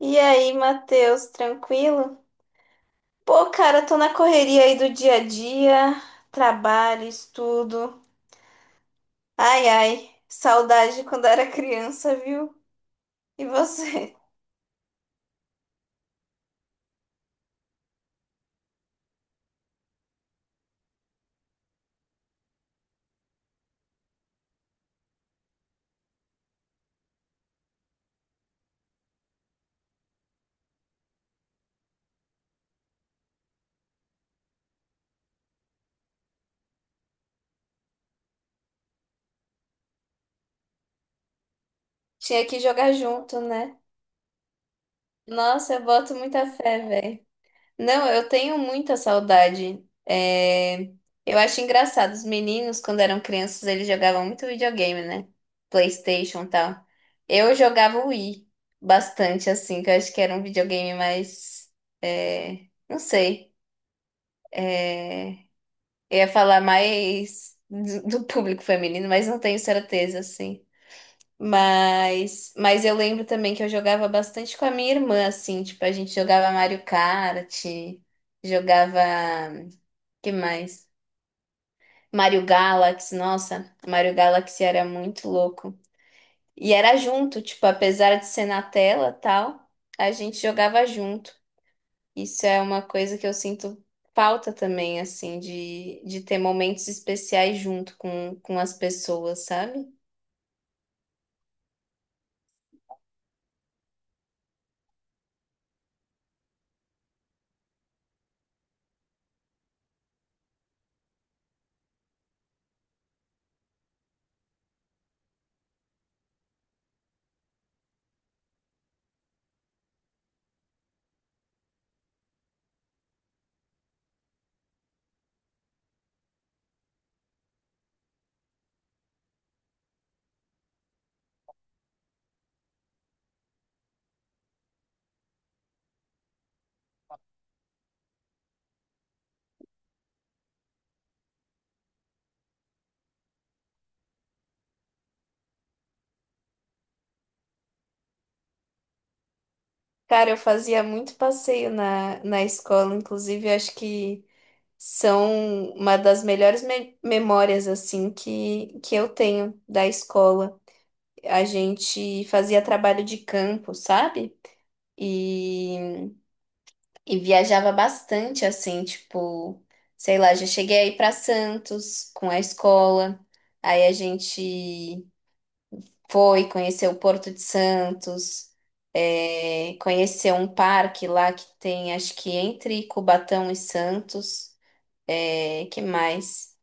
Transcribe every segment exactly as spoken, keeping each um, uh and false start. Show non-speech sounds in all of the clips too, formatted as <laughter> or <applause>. E aí, Matheus, tranquilo? Pô, cara, tô na correria aí do dia a dia, trabalho, estudo. Ai, ai, saudade de quando era criança, viu? E você? <laughs> Tinha que jogar junto, né? Nossa, eu boto muita fé, velho. Não, eu tenho muita saudade. É, eu acho engraçado. Os meninos, quando eram crianças, eles jogavam muito videogame, né? PlayStation e tal. Eu jogava o Wii bastante, assim, que eu acho que era um videogame mais. é, Não sei. é, Eu ia falar mais do do público feminino, mas não tenho certeza, assim. Mas, mas eu lembro também que eu jogava bastante com a minha irmã, assim, tipo, a gente jogava Mario Kart, jogava, que mais? Mario Galaxy, nossa, Mario Galaxy era muito louco. E era junto, tipo, apesar de ser na tela, tal, a gente jogava junto. Isso é uma coisa que eu sinto falta também, assim, de, de ter momentos especiais junto com, com as pessoas, sabe? Cara, eu fazia muito passeio na, na escola, inclusive eu acho que são uma das melhores me- memórias assim que, que eu tenho da escola. A gente fazia trabalho de campo, sabe? E, e viajava bastante assim, tipo, sei lá, já cheguei aí para Santos com a escola. Aí a gente foi, conheceu o Porto de Santos, é, conheceu um parque lá que tem, acho que entre Cubatão e Santos. É, que mais?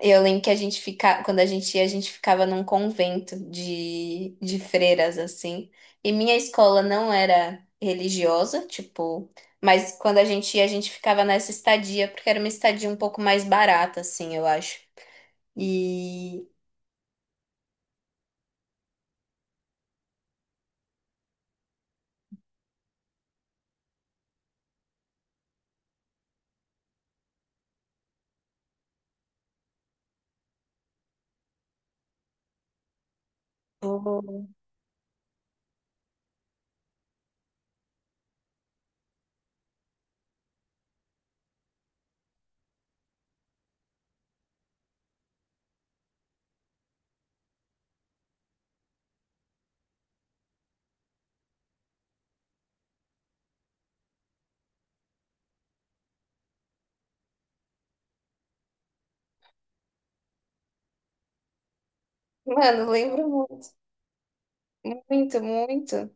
Eu lembro que a gente ficava, quando a gente ia, a gente ficava num convento de, de freiras, assim. E minha escola não era religiosa, tipo, mas quando a gente ia, a gente ficava nessa estadia, porque era uma estadia um pouco mais barata, assim, eu acho. E, oh. Mano, lembro muito. Muito, muito.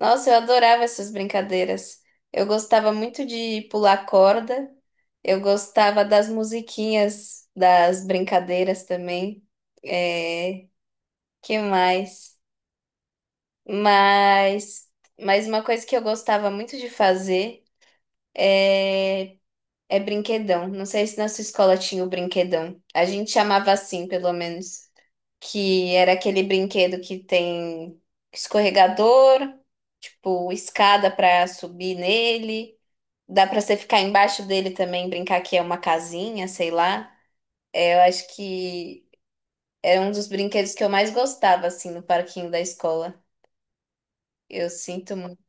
Nossa, eu adorava essas brincadeiras. Eu gostava muito de pular corda. Eu gostava das musiquinhas das brincadeiras também. É, que mais? Mas, mas uma coisa que eu gostava muito de fazer é, é brinquedão. Não sei se na sua escola tinha o brinquedão. A gente chamava assim, pelo menos, que era aquele brinquedo que tem escorregador, tipo escada para subir nele. Dá para você ficar embaixo dele também, brincar que é uma casinha, sei lá. É, eu acho que era um dos brinquedos que eu mais gostava assim no parquinho da escola. Eu sinto muito.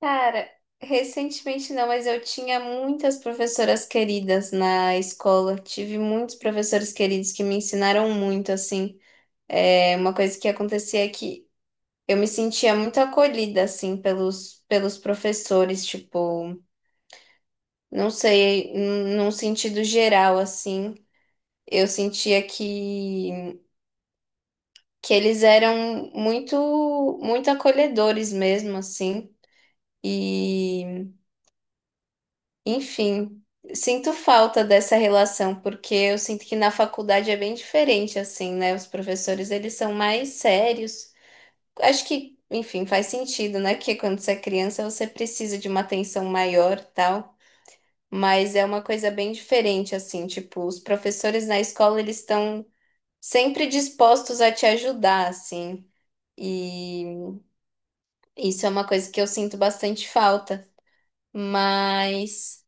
Cara, recentemente não, mas eu tinha muitas professoras queridas na escola. Tive muitos professores queridos que me ensinaram muito assim. É, uma coisa que acontecia é que eu me sentia muito acolhida, assim, pelos, pelos professores, tipo, não sei, num num sentido geral, assim, eu sentia que, que eles eram muito, muito acolhedores mesmo, assim, e, enfim, sinto falta dessa relação, porque eu sinto que na faculdade é bem diferente, assim, né? Os professores, eles são mais sérios. Acho que, enfim, faz sentido, né? Que quando você é criança, você precisa de uma atenção maior, tal. Mas é uma coisa bem diferente, assim, tipo, os professores na escola, eles estão sempre dispostos a te ajudar, assim, e isso é uma coisa que eu sinto bastante falta, mas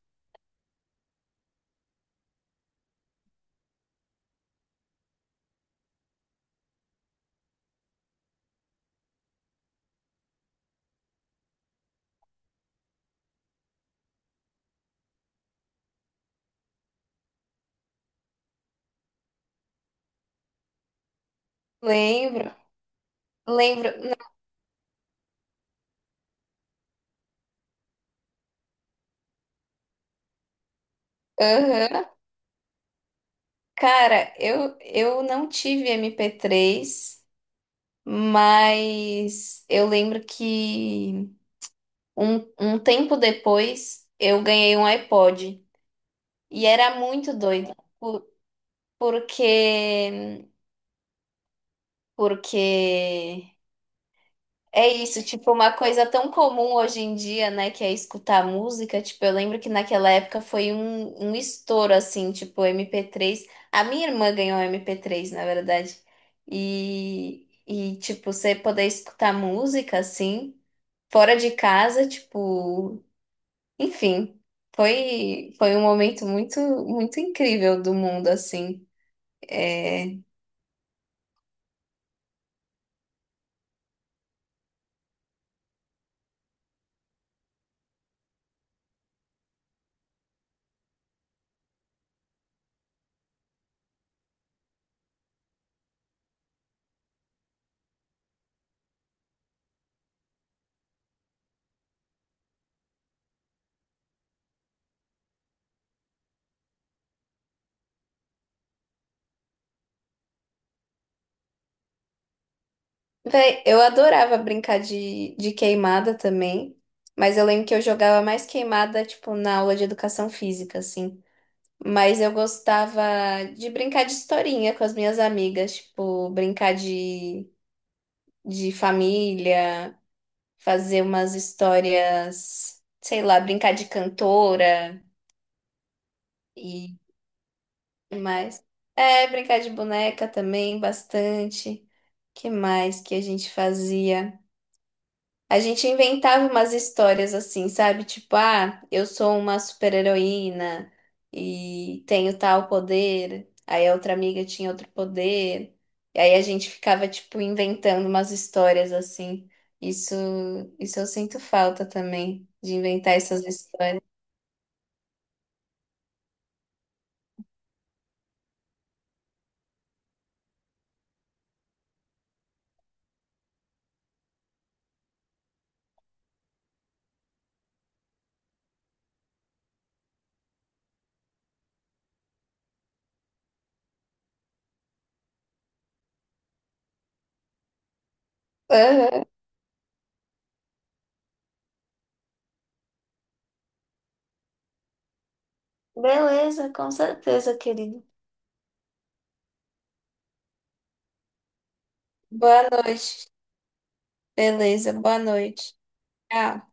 lembro, lembro, aham. Cara, eu, eu não tive M P três, mas eu lembro que um, um tempo depois eu ganhei um iPod, e era muito doido, por- porque Porque é isso, tipo, uma coisa tão comum hoje em dia, né, que é escutar música. Tipo, eu lembro que naquela época foi um, um estouro, assim, tipo, M P três. A minha irmã ganhou M P três na verdade. E, e, tipo, você poder escutar música, assim, fora de casa, tipo, enfim. Foi, foi um momento muito, muito incrível do mundo, assim. É, véi, eu adorava brincar de, de queimada também, mas eu lembro que eu jogava mais queimada, tipo, na aula de educação física, assim. Mas eu gostava de brincar de historinha com as minhas amigas, tipo, brincar de, de família, fazer umas histórias, sei lá, brincar de cantora e mais. É, brincar de boneca também, bastante. Que mais que a gente fazia? A gente inventava umas histórias assim, sabe? Tipo, ah, eu sou uma super-heroína e tenho tal poder. Aí a outra amiga tinha outro poder. E aí a gente ficava, tipo, inventando umas histórias assim. Isso, isso eu sinto falta também, de inventar essas histórias. Aham. Beleza, com certeza, querido. Boa noite. Beleza, boa noite. Tchau.